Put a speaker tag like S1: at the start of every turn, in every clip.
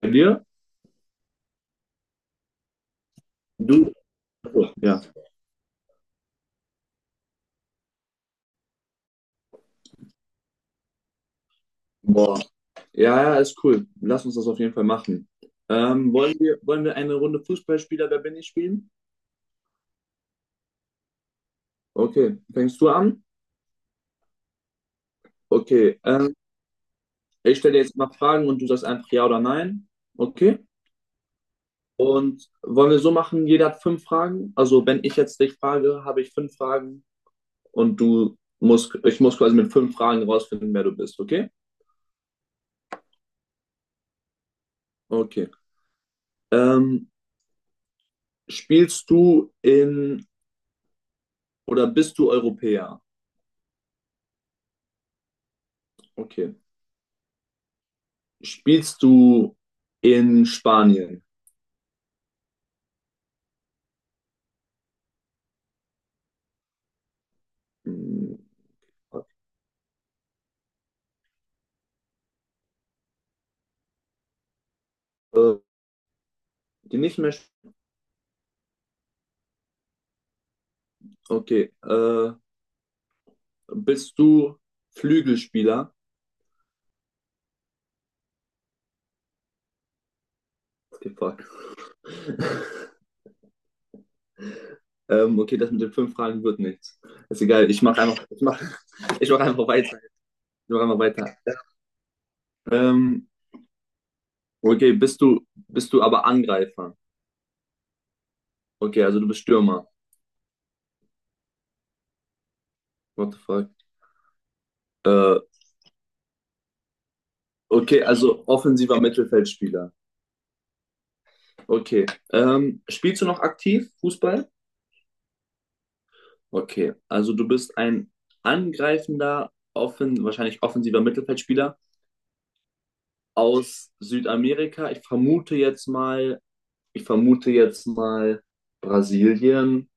S1: Bei dir? Du? Achso, ja. Boah. Ja, ja, ist cool. Lass uns das auf jeden Fall machen. Wollen wir eine Runde Fußballspieler, wer bin ich spielen? Okay. Fängst du an? Okay. Ich stelle dir jetzt mal Fragen und du sagst einfach ja oder nein. Okay. Und wollen wir so machen, jeder hat fünf Fragen. Also wenn ich jetzt dich frage, habe ich fünf Fragen und du musst, ich muss quasi mit fünf Fragen rausfinden, wer du bist, okay? Okay. Ähm, spielst du in oder bist du Europäer? Okay. Spielst du in Spanien? Hm, Äh, die nicht mehr. Sp- Okay. Bist du Flügelspieler? Okay, fuck. Okay, das mit den fünf Fragen wird nichts. Ist egal. Ich mach einfach. Ich mach, ich mach einfach weiter. Ich mach einfach weiter. Ähm, okay, bist du aber Angreifer? Okay, also du bist Stürmer. What the fuck? Äh, okay, also offensiver Mittelfeldspieler. Okay. Spielst du noch aktiv Fußball? Okay, also du bist ein angreifender, offen, wahrscheinlich offensiver Mittelfeldspieler aus Südamerika. Ich vermute jetzt mal Brasilien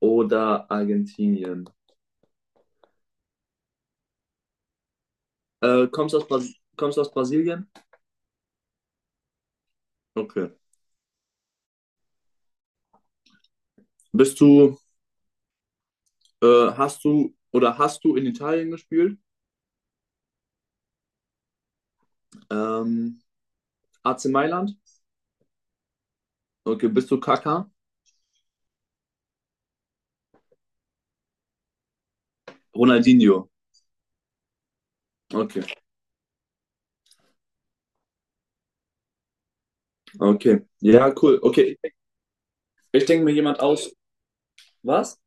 S1: oder Argentinien. Äh, kommst aus Bras kommst aus Brasilien? Okay. Bist du, äh, hast du oder hast du in Italien gespielt? Ähm, AC Mailand? Okay, bist du Kaká? Ronaldinho. Okay, okay. Ja, cool. Okay, ich denke mir jemand aus. Was?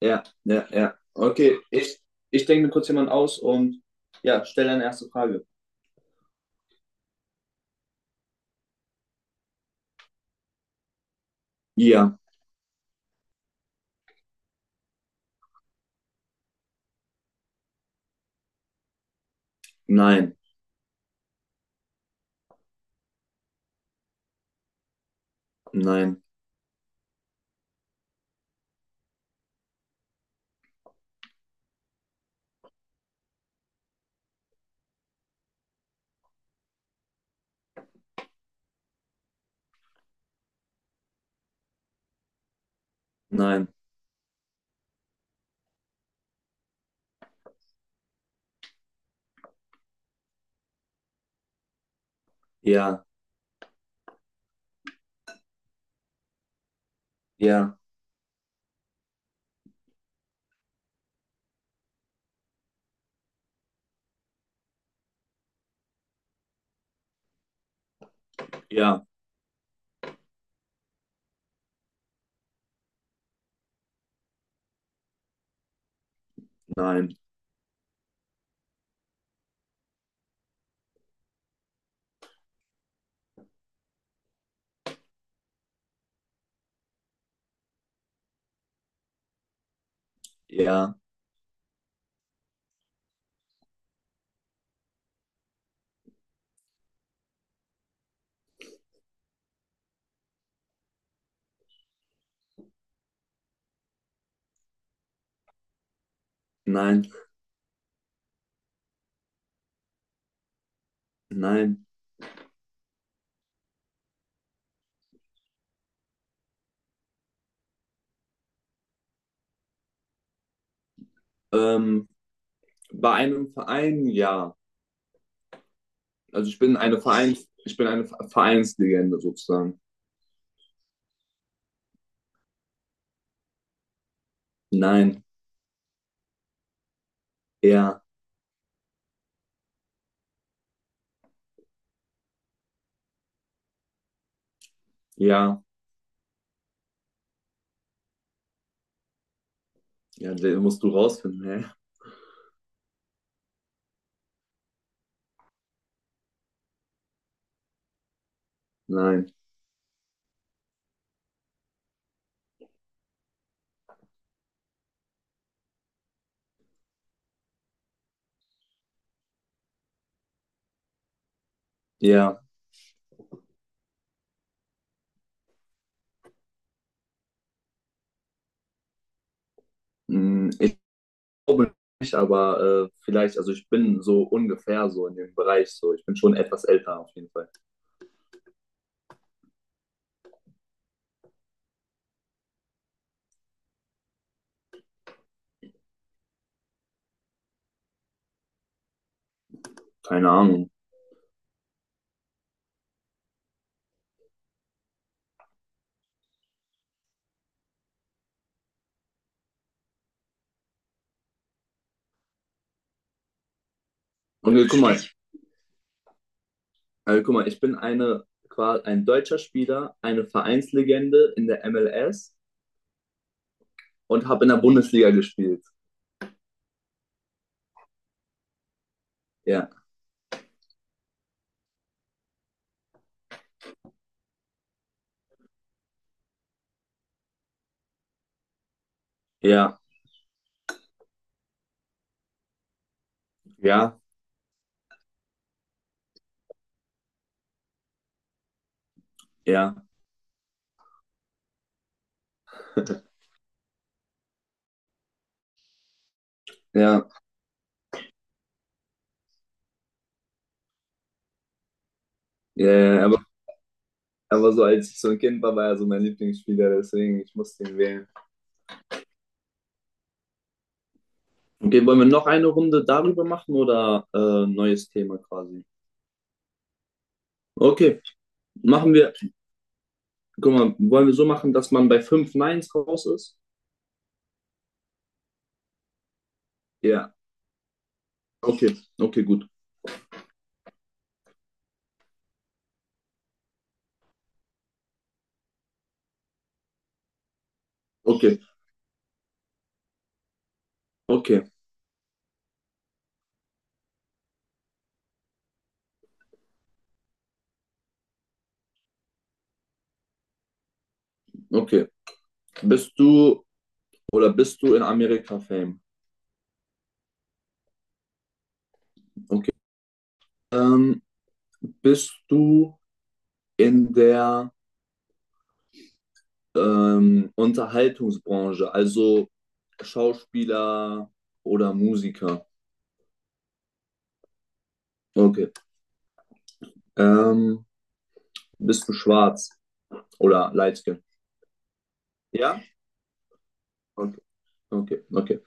S1: Ja, ja, ja. Okay, ich denke mir kurz jemand aus und ja, stell deine erste Frage. Ja, nein, nein, nein, ja, ja, ja, nein, ja, nein, nein. Ähm, bei einem Verein, ja. Also ich bin eine Vereinslegende sozusagen. Nein, ja, ja, ja, den musst du rausfinden, hä? Nein, ja, mm, glaube nicht, aber vielleicht, also ich bin so ungefähr so in dem Bereich so. Ich bin schon etwas älter auf jeden Fall. Keine Ahnung. Und guck mal, ich bin ein deutscher Spieler, eine Vereinslegende in der MLS und habe in der Bundesliga gespielt. Ja, ja, ja, ja, ja, ja, ja, aber so als ich so ein Kind war, war er so mein Lieblingsspieler, deswegen ich musste ihn wählen. Okay, wollen wir noch eine Runde darüber machen oder neues Thema quasi? Okay, machen wir. Guck mal, wollen wir so machen, dass man bei fünf Neins raus ist? Ja. Okay, okay, gut. Okay, okay, okay. Bist du oder bist du in Amerika Fame? Okay. Ähm, bist du in der Unterhaltungsbranche, also Schauspieler oder Musiker? Okay. Ähm, bist du schwarz oder light skin? Ja? Okay, okay, okay.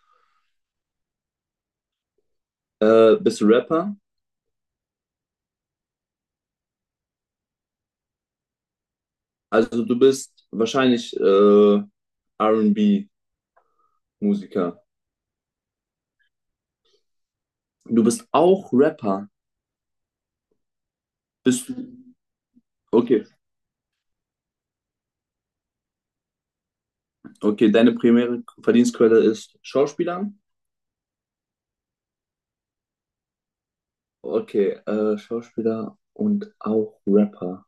S1: Bist du Rapper? Also du bist wahrscheinlich R&B-Musiker. Du bist auch Rapper. Bist du? Okay, okay. Deine primäre Verdienstquelle ist Schauspieler. Okay, Schauspieler und auch Rapper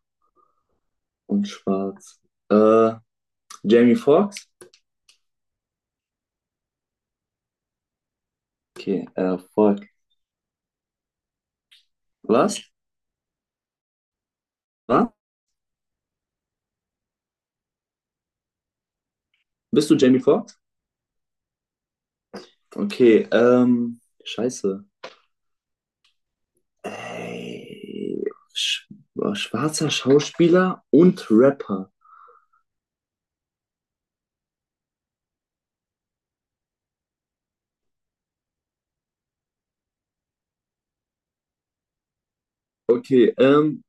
S1: und Schwarz. Äh, Jamie Foxx? Okay, Foxx. Was? Was? Bist du Jamie Foxx? Okay, scheiße. Ey, sch schwarzer Schauspieler und Rapper. Okay,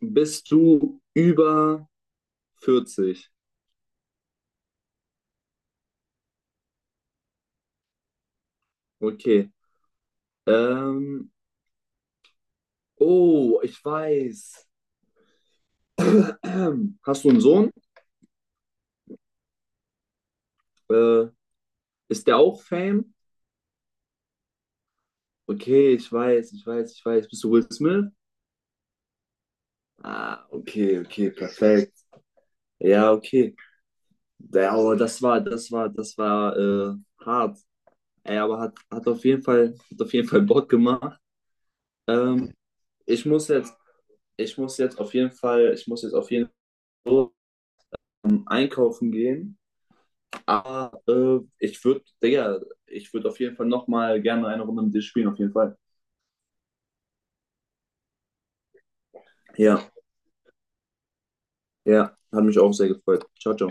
S1: bist du über 40? Okay. Ähm, oh, ich weiß. Hast du einen Sohn? Äh, ist der auch Fame? Okay, ich weiß, ich weiß, ich weiß. Bist du Will Smith? Ah, okay, okay, perfekt. Ja, okay. Ja, aber das war hart. Ey, aber hat auf jeden Fall, hat auf jeden Fall Bock gemacht. Ähm, ich muss jetzt, ich muss jetzt auf jeden Fall, ich muss jetzt auf jeden Fall so, einkaufen gehen. Aber ich würde, Digga, ich würde auf jeden Fall nochmal gerne eine Runde mit dir spielen, auf jeden Fall. Ja, ja, hat mich auch sehr gefreut. Ciao, ciao.